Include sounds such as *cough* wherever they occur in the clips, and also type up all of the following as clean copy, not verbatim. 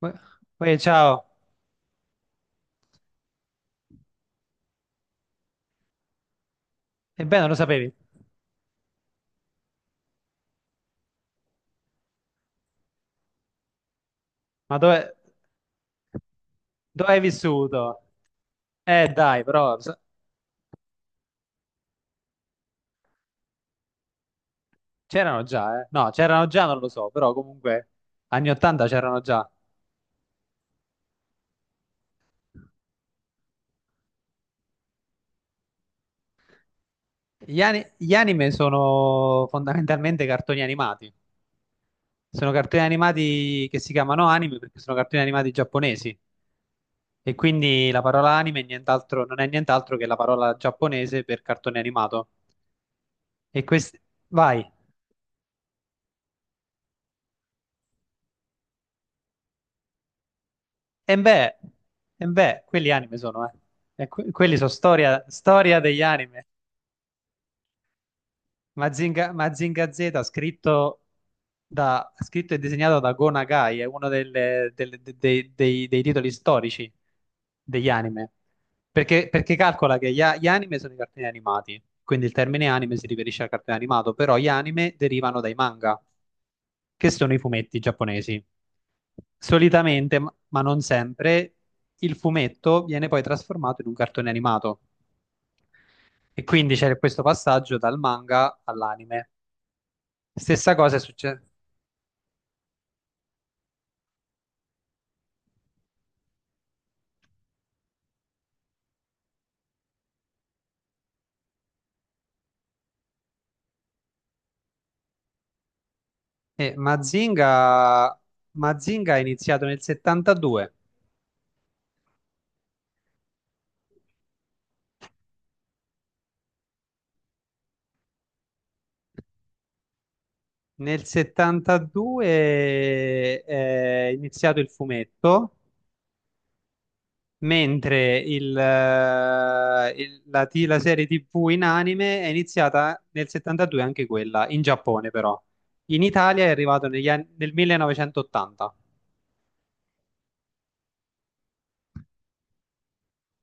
Poi, poi, ciao. Ebbene, lo sapevi? Ma dove hai vissuto? Dai, però c'erano già, eh? No, c'erano già, non lo so, però comunque anni 80 c'erano già. Gli anime sono fondamentalmente cartoni animati, sono cartoni animati che si chiamano anime perché sono cartoni animati giapponesi, e quindi la parola anime non è nient'altro che la parola giapponese per cartone animato. E questi... Vai. E beh, e beh, quelli anime sono. Quelli sono storia, storia degli anime. Mazinga, Mazinga Z, scritto e disegnato da Go Nagai, è uno dei titoli storici degli anime. Perché calcola che gli anime sono i cartoni animati, quindi il termine anime si riferisce al cartone animato, però gli anime derivano dai manga, che sono i fumetti giapponesi. Solitamente, ma non sempre, il fumetto viene poi trasformato in un cartone animato, e quindi c'è questo passaggio dal manga all'anime. Stessa cosa è successa. Mazinga... Mazinga è iniziato nel 72. Nel 72 è iniziato il fumetto, mentre la serie TV in anime è iniziata nel 72 anche quella, in Giappone però. In Italia è arrivato nel 1980,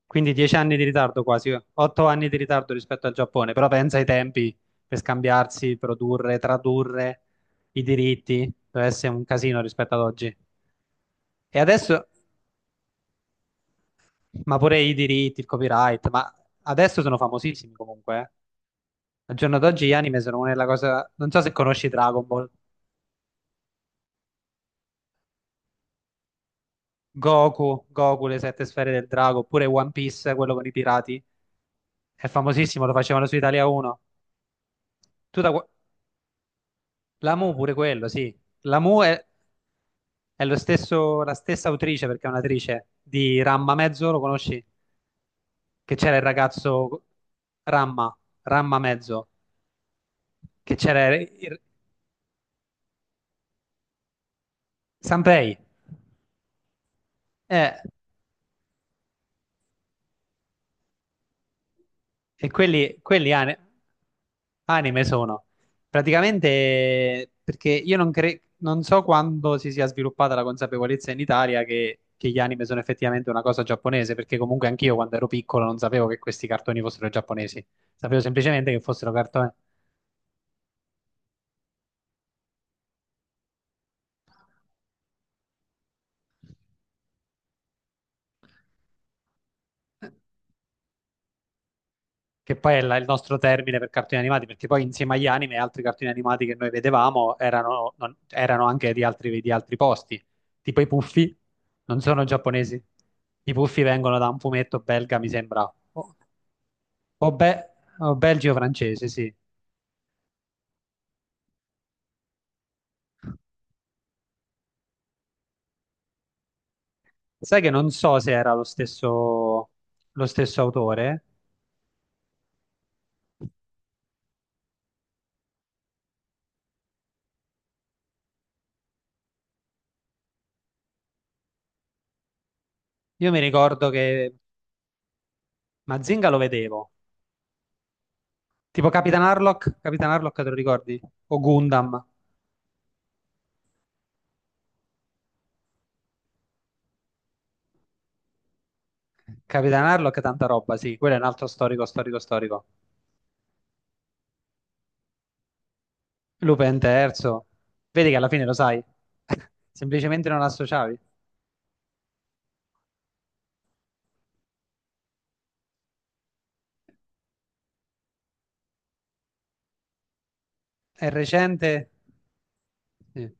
quindi 10 anni di ritardo quasi, 8 anni di ritardo rispetto al Giappone. Però pensa ai tempi per scambiarsi, produrre, tradurre i diritti: deve essere un casino rispetto ad oggi. E adesso, ma pure i diritti, il copyright, ma adesso sono famosissimi comunque, eh. Al giorno d'oggi gli anime sono una della cosa... Non so se conosci Dragon Ball, Goku, Goku, le sette sfere del drago, oppure One Piece, quello con i pirati. È famosissimo, lo facevano su Italia 1. Tu da... qua- La Mu pure quello, sì. La Mu è lo stesso, la stessa autrice, perché è un'attrice, di Ramma Mezzo, lo conosci? Che c'era il ragazzo Ramma, Ramma Mezzo, che c'era il... Sanpei. Eh, E quelli anime sono. Praticamente, perché io non, non so quando si sia sviluppata la consapevolezza in Italia che gli anime sono effettivamente una cosa giapponese, perché comunque anch'io quando ero piccolo non sapevo che questi cartoni fossero giapponesi. Sapevo semplicemente che fossero cartoni. Che poi è il nostro termine per cartoni animati, perché poi insieme agli anime altri cartoni animati che noi vedevamo erano, erano anche di altri posti, tipo i Puffi, non sono giapponesi. I Puffi vengono da un fumetto belga, mi sembra, o, o, be- o belgio francese, sì. Sai che non so se era lo stesso autore. Io mi ricordo che Mazinga lo vedevo, tipo Capitan Harlock. Capitan Harlock te lo ricordi? O Gundam. Capitan Harlock, è tanta roba, sì, quello è un altro storico, storico, storico. Lupin terzo, vedi che alla fine lo sai, *laughs* semplicemente non l'associavi. È recente, sì.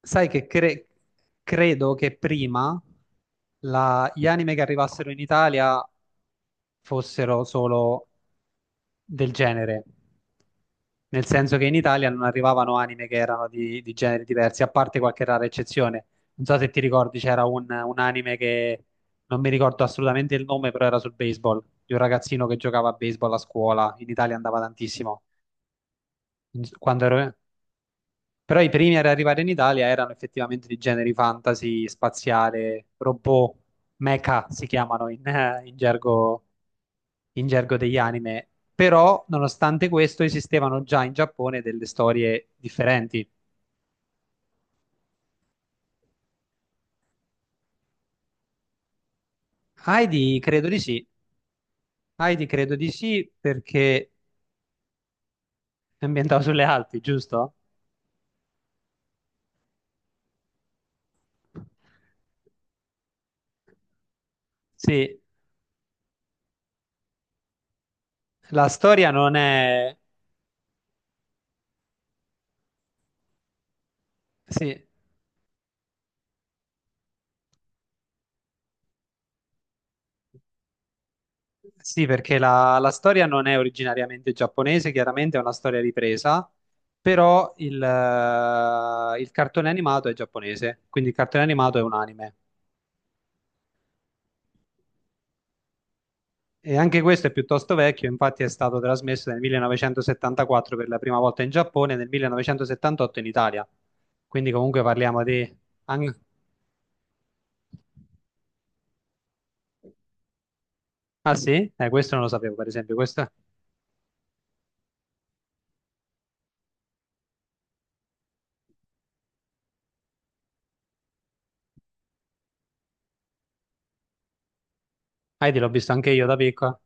Sai che credo che prima gli anime che arrivassero in Italia fossero solo del genere, nel senso che in Italia non arrivavano anime che erano di generi diversi, a parte qualche rara eccezione. Non so se ti ricordi, c'era un anime che non mi ricordo assolutamente il nome, però era sul baseball, di un ragazzino che giocava a baseball a scuola, in Italia andava tantissimo. Quando ero... Però i primi ad arrivare in Italia erano effettivamente di generi fantasy, spaziale, robot, mecha si chiamano *laughs* in gergo, in gergo degli anime. Però, nonostante questo, esistevano già in Giappone delle storie differenti. Heidi, credo di sì. Heidi, credo di sì, perché è ambientato sulle Alpi, giusto? Sì, la storia non è... Sì, sì, perché la storia non è originariamente giapponese, chiaramente è una storia ripresa, però il cartone animato è giapponese, quindi il cartone animato è un anime. E anche questo è piuttosto vecchio, infatti è stato trasmesso nel 1974 per la prima volta in Giappone e nel 1978 in Italia. Quindi comunque parliamo di... an- Ah sì? Questo non lo sapevo, per esempio. Questo... Ah, l'ho visto anche io da piccola.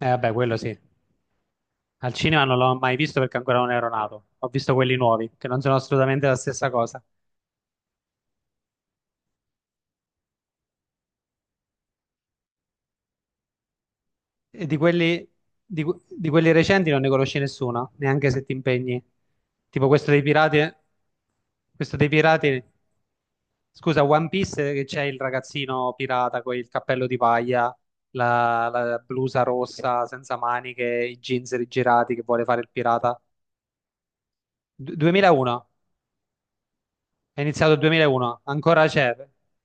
Vabbè, quello sì. Al cinema non l'ho mai visto perché ancora non ero nato. Ho visto quelli nuovi, che non sono assolutamente la stessa cosa. E di quelli recenti non ne conosci nessuno, neanche se ti impegni. Tipo questo dei pirati, scusa, One Piece, che c'è il ragazzino pirata con il cappello di paglia, la blusa rossa senza maniche, i jeans rigirati, che vuole fare il pirata. 2001, è iniziato il 2001, ancora c'è.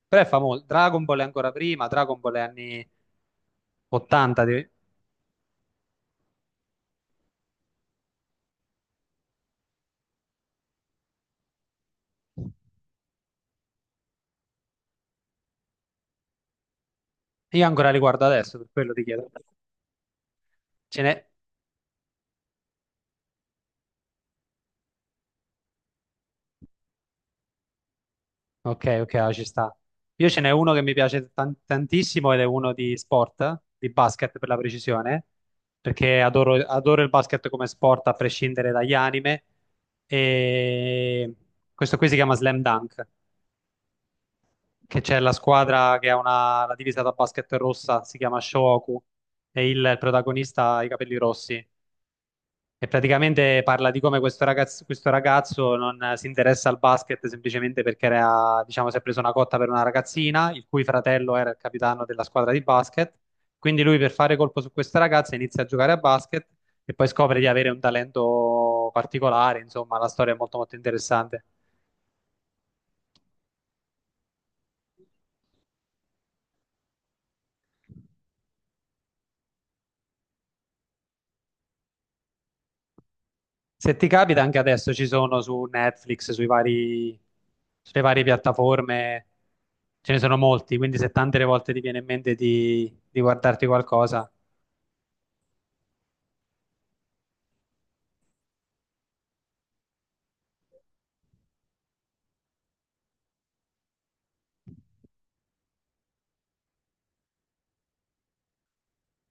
Però è famoso. Dragon Ball è ancora prima, Dragon Ball è anni 80, io ancora li guardo adesso, per quello ti chiedo. Ce n'è... Ok, ok, ah, ci sta. Io ce n'è uno che mi piace tantissimo ed è uno di sport, di basket per la precisione, perché adoro il basket come sport a prescindere dagli anime. E questo qui si chiama Slam Dunk, che c'è la squadra che ha una, la divisa da basket rossa, si chiama Shohoku, e il protagonista ha i capelli rossi. E praticamente parla di come questo ragazzo non si interessa al basket semplicemente perché era, diciamo, si è preso una cotta per una ragazzina, il cui fratello era il capitano della squadra di basket. Quindi lui per fare colpo su questa ragazza inizia a giocare a basket e poi scopre di avere un talento particolare. Insomma, la storia è molto molto interessante. Se ti capita, anche adesso ci sono su Netflix, sui vari, sulle varie piattaforme, ce ne sono molti, quindi se tante le volte ti viene in mente di guardarti qualcosa.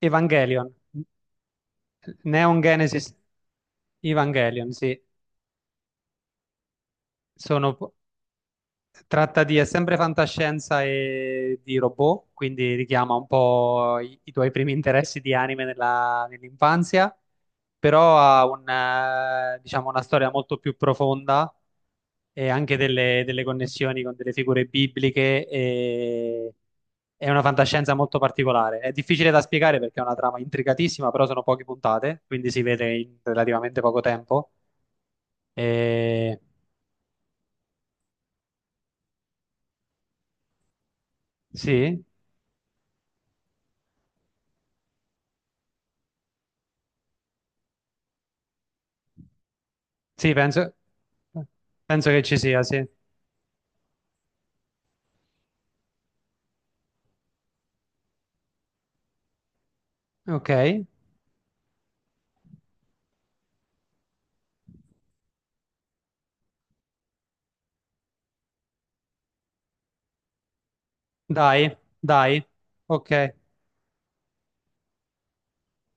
Evangelion, Neon Genesis Evangelion, sì, sono... Tratta di, è sempre fantascienza e di robot, quindi richiama un po' i tuoi primi interessi di anime nell'infanzia, però ha un, diciamo, una storia molto più profonda e anche delle, delle connessioni con delle figure bibliche, e è una fantascienza molto particolare. È difficile da spiegare perché è una trama intricatissima, però sono poche puntate, quindi si vede in relativamente poco tempo. E... Sì. Sì, penso che ci sia, sì. Ok, dai, dai. Ok,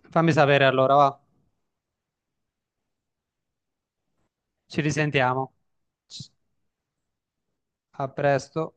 fammi sapere allora, va. Ci risentiamo. A presto.